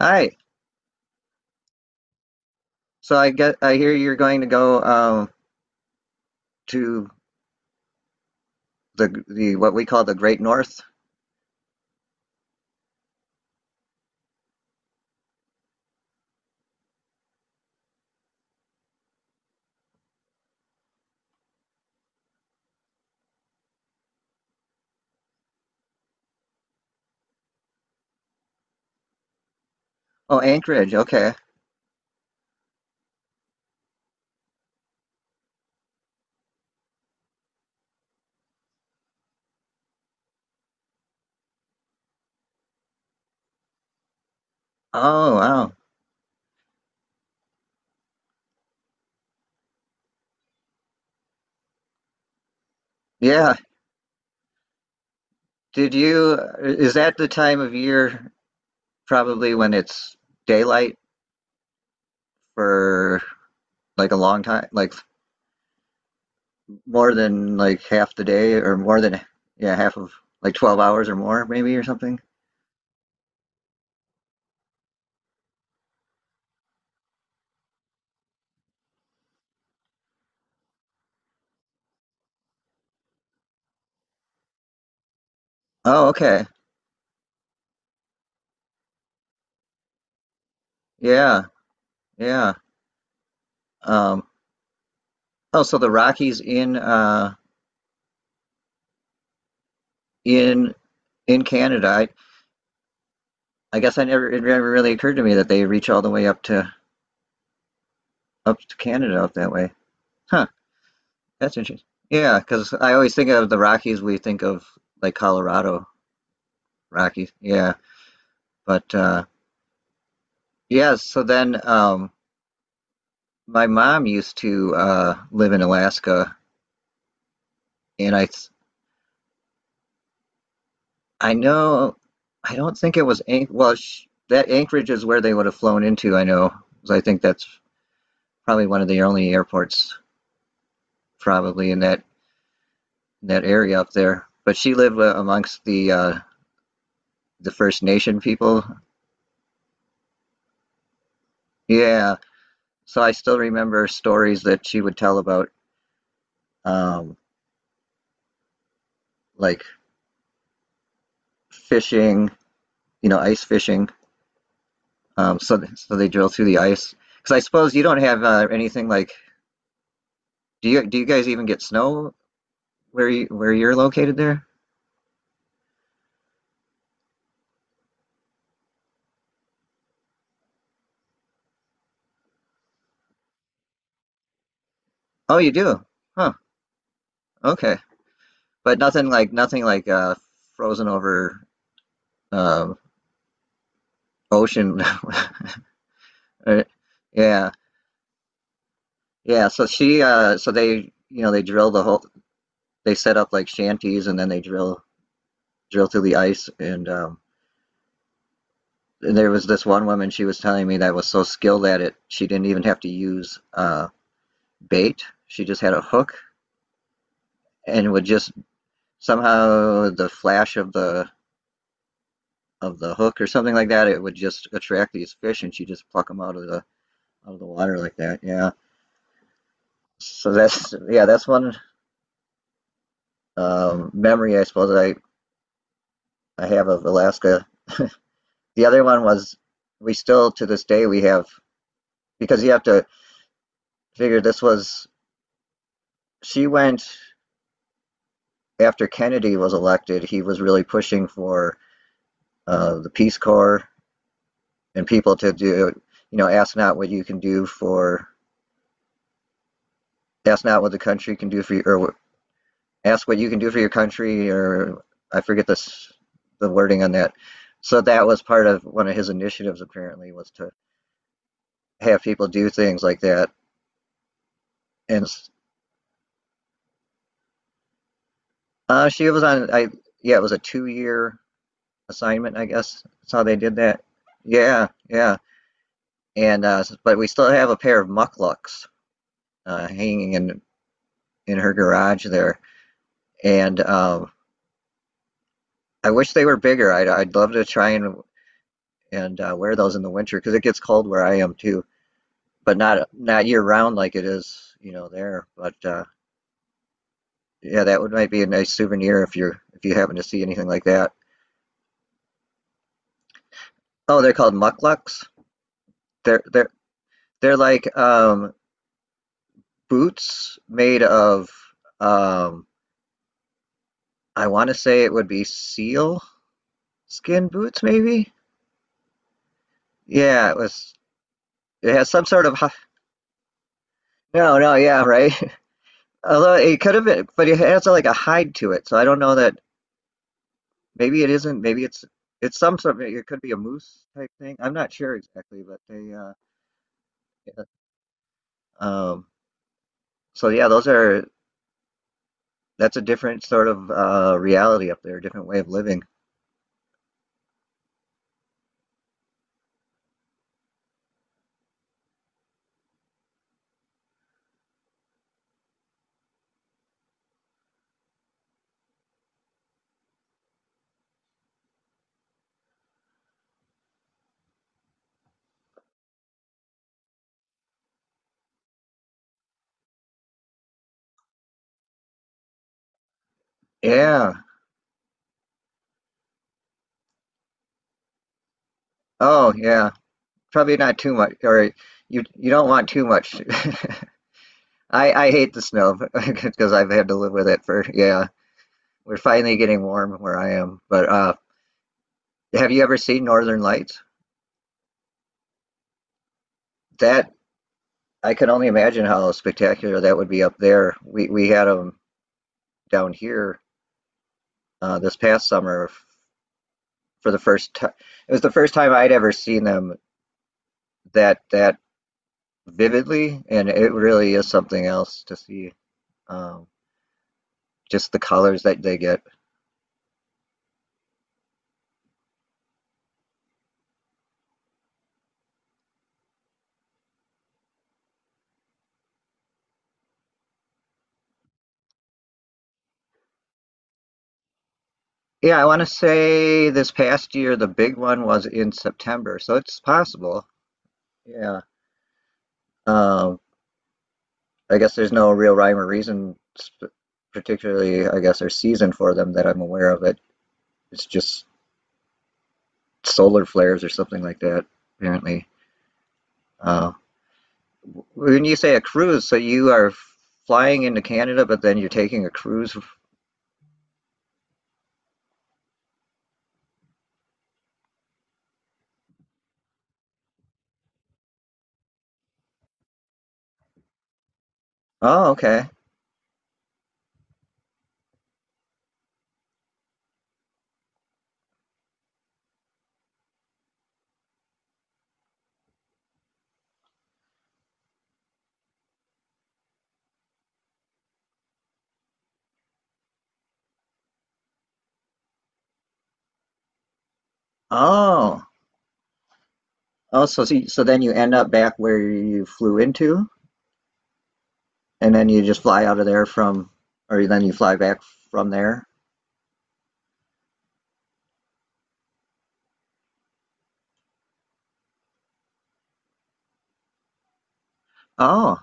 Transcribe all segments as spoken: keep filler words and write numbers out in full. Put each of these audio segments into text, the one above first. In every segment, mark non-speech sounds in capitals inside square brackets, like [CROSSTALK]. Hi. So I get I hear you're going to go um to the the what we call the Great North. Oh, Anchorage. Okay. Oh, wow. Yeah. Did you Is that the time of year probably when it's daylight for like a long time, like more than like half the day or more than yeah, half of like twelve hours or more maybe or something? Oh, okay. Yeah. Yeah. Um oh, so the Rockies in uh in in Canada. I guess I never it never really occurred to me that they reach all the way up to up to Canada up that way. Huh, that's interesting. Yeah, because I always think of the Rockies, we think of like Colorado Rockies. Yeah, but uh, yeah. So then, um, my mom used to uh, live in Alaska, and I th- I know I don't think it was Anch well sh that Anchorage is where they would have flown into. I know 'cause I think that's probably one of the only airports probably in that that area up there. But she lived uh, amongst the uh, the First Nation people. Yeah, so I still remember stories that she would tell about um, like fishing, you know, ice fishing. Um, so th- so they drill through the ice because I suppose you don't have uh, anything like. Do you do you guys even get snow where you where you're located there? Oh, you do. Huh. Okay. But nothing like nothing like uh, frozen over um ocean. [LAUGHS] Yeah. Yeah, so she uh so they you know they drill the whole they set up like shanties and then they drill drill through the ice, and um and there was this one woman she was telling me that was so skilled at it she didn't even have to use uh bait. She just had a hook and would just somehow the flash of the of the hook or something like that, it would just attract these fish and she just pluck them out of the out of the water like that. Yeah. So that's yeah, that's one um memory I suppose that I I have of Alaska. The other one was we still to this day we have because you have to figure this was she went after Kennedy was elected. He was really pushing for uh, the Peace Corps and people to do you know ask not what you can do for ask not what the country can do for you, or ask what you can do for your country, or I forget this the wording on that. So that was part of one of his initiatives apparently, was to have people do things like that. And uh, she was on I yeah, it was a two year assignment, I guess. That's how they did that. Yeah, yeah. And uh, but we still have a pair of mucklucks uh, hanging in in her garage there, and um, I wish they were bigger. I'd I'd love to try and and uh, wear those in the winter because it gets cold where I am too, but not not year round like it is, you know, there. But uh, yeah, that would might be a nice souvenir if you're if you happen to see anything like that. Oh, they're called mucklucks. They're they're they're like um, boots made of um, I want to say it would be seal skin boots, maybe? Yeah, it was. It has some sort of no, no, yeah, right. [LAUGHS] Although it could have been, but it has like a hide to it, so I don't know that. Maybe it isn't. Maybe it's it's some sort of. It could be a moose type thing. I'm not sure exactly, but they. Uh, yeah. Um. So yeah, those are. That's a different sort of uh, reality up there, a different way of living. Yeah. Oh, yeah. Probably not too much, or you you don't want too much. [LAUGHS] I I hate the snow [LAUGHS] because I've had to live with it for yeah. We're finally getting warm where I am. But uh, have you ever seen Northern Lights? That I can only imagine how spectacular that would be up there. We we had them down here uh, this past summer for the first time. It was the first time I'd ever seen them that that vividly, and it really is something else to see. Um, just the colors that they get. Yeah, I want to say this past year the big one was in September, so it's possible. Yeah. Um, I guess there's no real rhyme or reason, sp- particularly, I guess, or season for them that I'm aware of. It it's just solar flares or something like that, apparently. Uh, w- when you say a cruise, so you are flying into Canada, but then you're taking a cruise. Oh, okay. Oh, oh, so so so then you end up back where you flew into. And then you just fly out of there from, or then you fly back from there? Oh,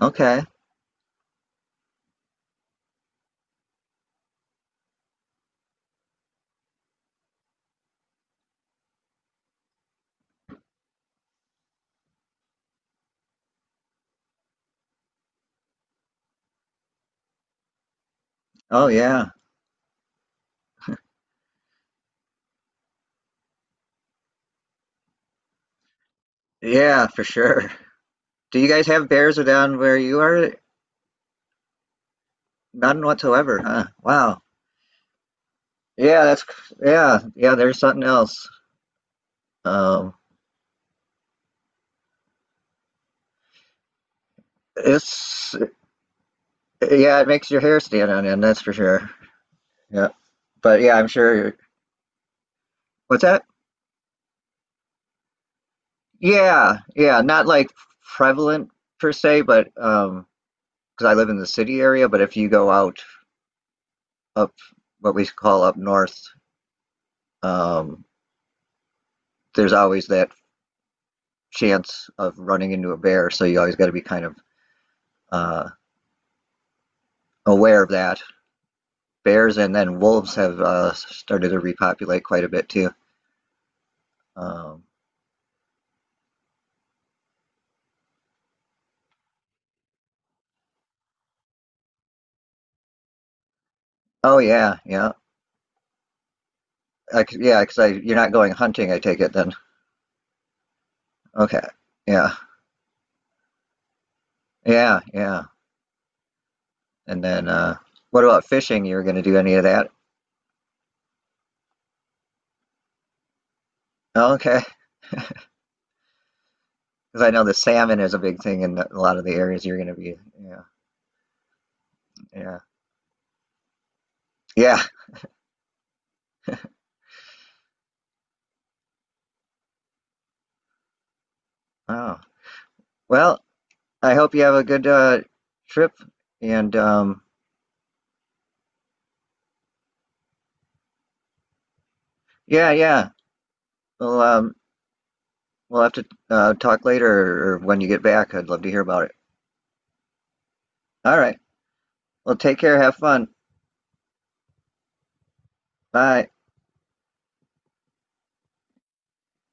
okay. Oh, yeah. Yeah, for sure. Do you guys have bears down where you are? None whatsoever, huh? Wow. Yeah, that's, yeah, yeah, there's something else. Um, it's, yeah, it makes your hair stand on end, that's for sure. Yeah. But yeah, I'm sure. What's that? Yeah, yeah, not like prevalent per se, but um, because I live in the city area, but if you go out up what we call up north, um, there's always that chance of running into a bear, so you always got to be kind of uh, aware of that. Bears and then wolves have uh, started to repopulate quite a bit too. Um, oh yeah, yeah, I c yeah, because I, you're not going hunting, I take it then. Okay, yeah, yeah, yeah. And then uh, what about fishing? You're going to do any of that? Okay, because I know the salmon is a big thing in a lot of the areas you're going to be. Yeah, yeah, yeah. Oh. Well, I hope you have a good uh, trip. And um, yeah, yeah. Well, um, we'll have to uh, talk later or when you get back. I'd love to hear about it. All right. Well, take care. Have fun. Bye.